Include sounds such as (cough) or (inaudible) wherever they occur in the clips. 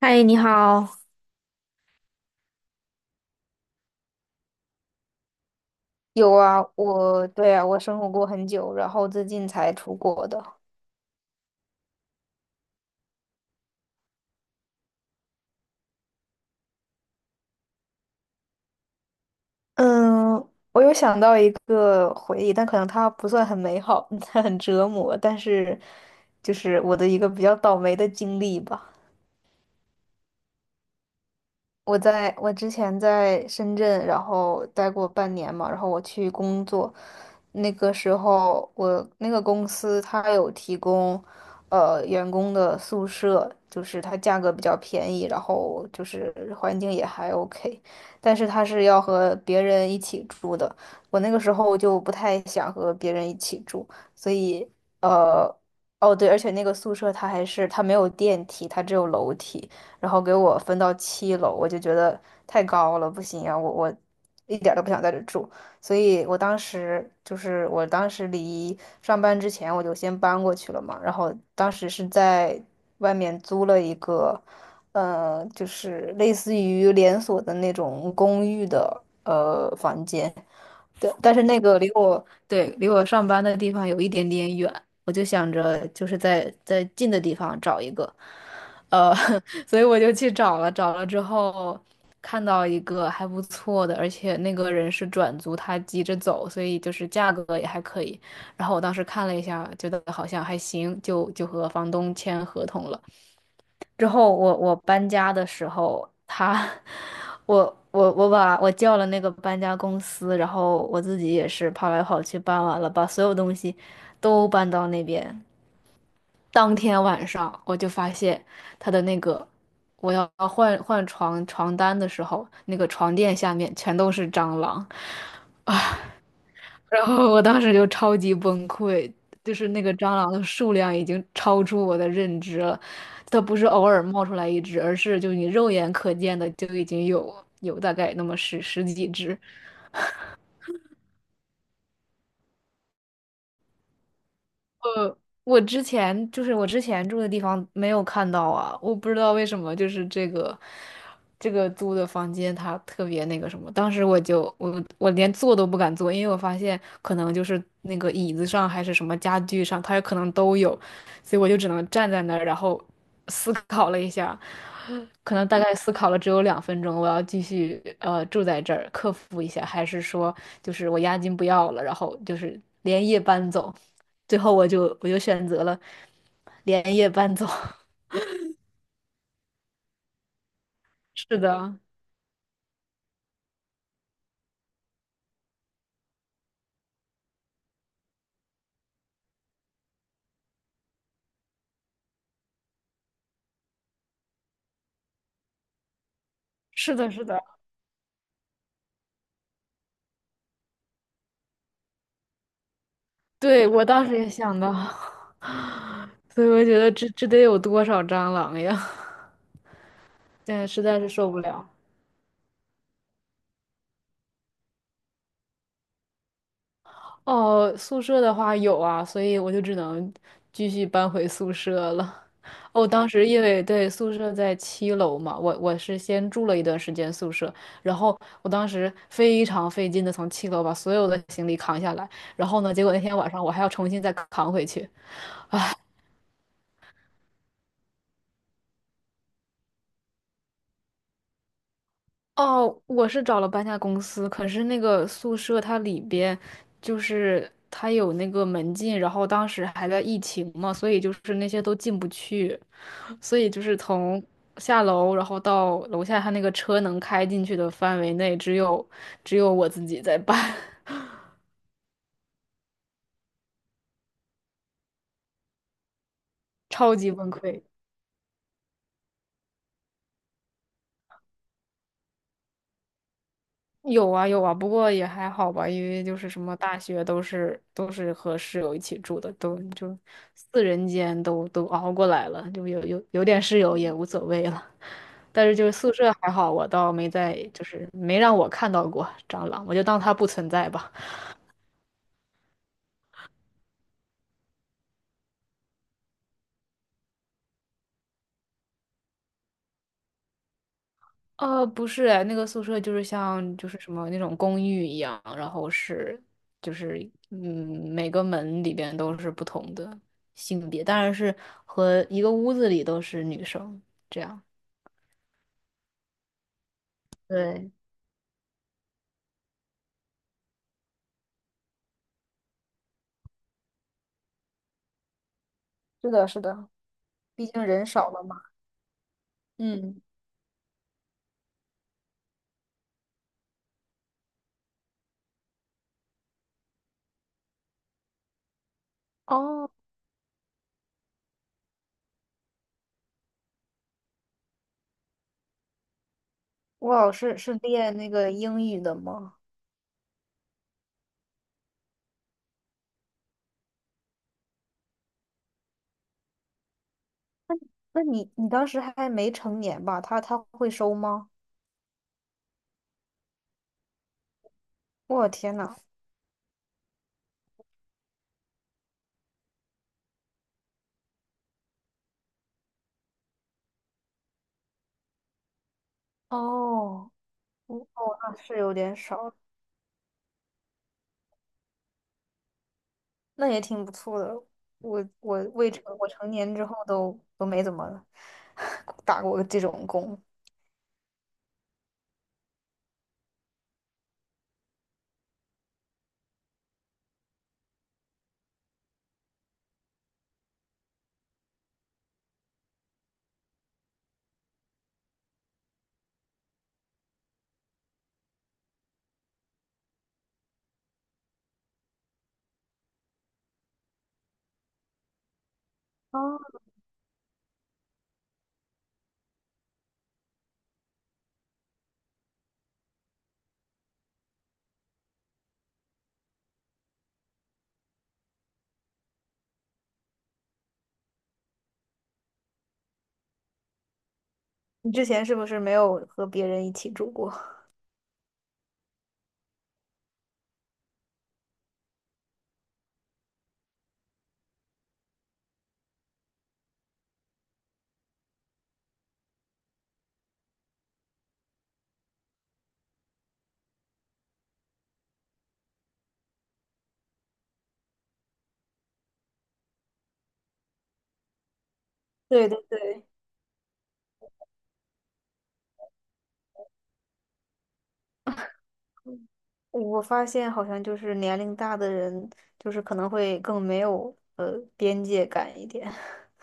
嗨，你好。有啊，我对啊，我生活过很久，然后最近才出国的。嗯，我有想到一个回忆，但可能它不算很美好，(laughs) 它很折磨，但是就是我的一个比较倒霉的经历吧。我之前在深圳，然后待过半年嘛，然后我去工作，那个时候我那个公司它有提供，员工的宿舍，就是它价格比较便宜，然后就是环境也还 OK，但是它是要和别人一起住的，我那个时候就不太想和别人一起住，所以呃，哦对，而且那个宿舍它还是它没有电梯，它只有楼梯。然后给我分到七楼，我就觉得太高了，不行啊，我一点儿都不想在这住，所以我当时离上班之前我就先搬过去了嘛，然后当时是在外面租了一个，就是类似于连锁的那种公寓的房间。对，但是离我上班的地方有一点点远，我就想着就是在近的地方找一个，呃，(laughs) 所以我就去找了，找了之后看到一个还不错的，而且那个人是转租，他急着走，所以就是价格也还可以。然后我当时看了一下，觉得好像还行，就和房东签合同了。之后我搬家的时候，他 (laughs) 我我叫了那个搬家公司，然后我自己也是跑来跑去搬完了，把所有东西都搬到那边。当天晚上我就发现他的那个我要换床单的时候，那个床垫下面全都是蟑螂。然后我当时就超级崩溃，就是那个蟑螂的数量已经超出我的认知了，它不是偶尔冒出来一只，而是就你肉眼可见的就已经有大概那么十几只。我之前住的地方没有看到啊，我不知道为什么，就是这个租的房间它特别那个什么，当时我就连坐都不敢坐，因为我发现可能就是那个椅子上还是什么家具上，它有可能都有，所以我就只能站在那儿，然后思考了一下，可能大概思考了只有两分钟，我要继续住在这儿，克服一下，还是说就是我押金不要了，然后就是连夜搬走。最后我就选择了连夜搬走。(laughs) 是的，是的，是的，对，我当时也想到，(laughs) 所以我觉得这得有多少蟑螂呀？(laughs) 现在实在是受不了。哦，宿舍的话有啊，所以我就只能继续搬回宿舍了。哦，当时因为对宿舍在七楼嘛，我是先住了一段时间宿舍，然后我当时非常费劲的从七楼把所有的行李扛下来，然后呢，结果那天晚上我还要重新再扛回去，哦，我是找了搬家公司，可是那个宿舍它里边就是它有那个门禁，然后当时还在疫情嘛，所以就是那些都进不去，所以就是从下楼然后到楼下，它那个车能开进去的范围内，只有我自己在搬，(laughs) 超级崩溃。有啊有啊，不过也还好吧，因为就是什么大学都是和室友一起住的，都就四人间都熬过来了，就有点室友也无所谓了。但是就是宿舍还好，我倒没在，就是没让我看到过蟑螂，我就当它不存在吧。呃，不是哎，那个宿舍就是像就是什么那种公寓一样，然后是就是嗯，每个门里边都是不同的性别，当然是和一个屋子里都是女生这样。对，是的，是的，毕竟人少了嘛。嗯，哦，我老师是练那个英语的吗？那你当时还没成年吧？他会收吗？我天呐，哦，哦，那是有点少。那也挺不错的。我我未成我成年之后都没怎么 (laughs) 打过这种工。啊。你之前是不是没有和别人一起住过？(laughs) 对对对，我发现好像就是年龄大的人，就是可能会更没有边界感一点。(laughs)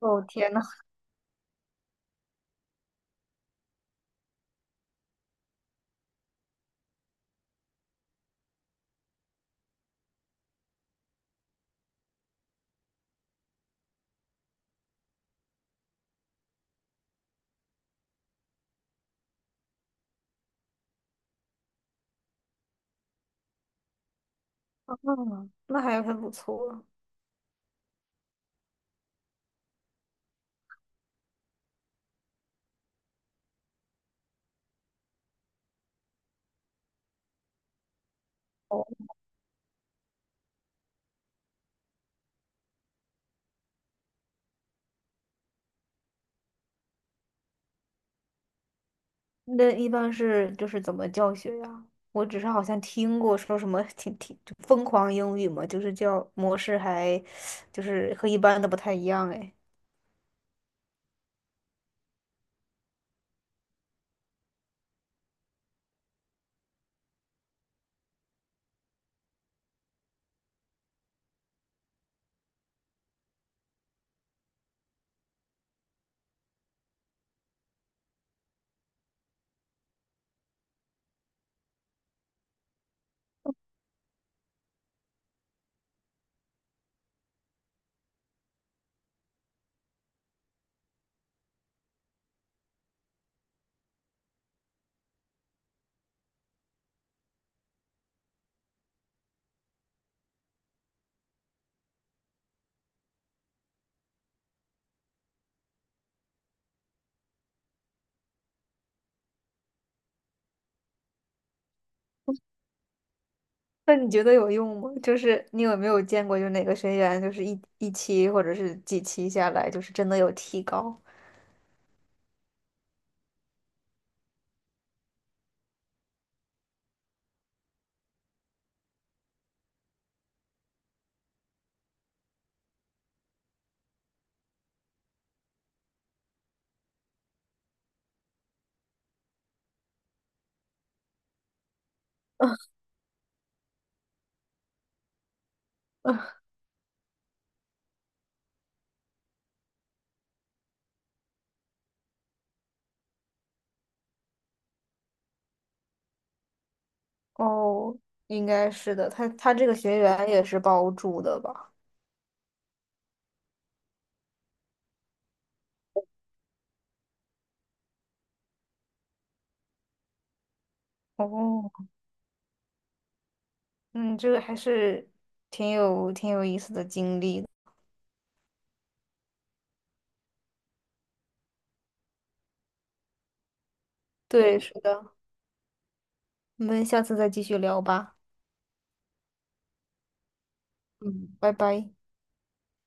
哦天呐，嗯，那还很不错。哦。那一般是就是怎么教学呀？我只是好像听过说什么挺就疯狂英语嘛，就是教模式还就是和一般的不太一样哎。那你觉得有用吗？就是你有没有见过，就哪个学员就是一期或者是几期下来，就是真的有提高？哦，应该是的，他这个学员也是包住的吧？哦，嗯，这个还是挺有意思的经历的。对，是的，我们下次再继续聊吧。嗯，拜拜。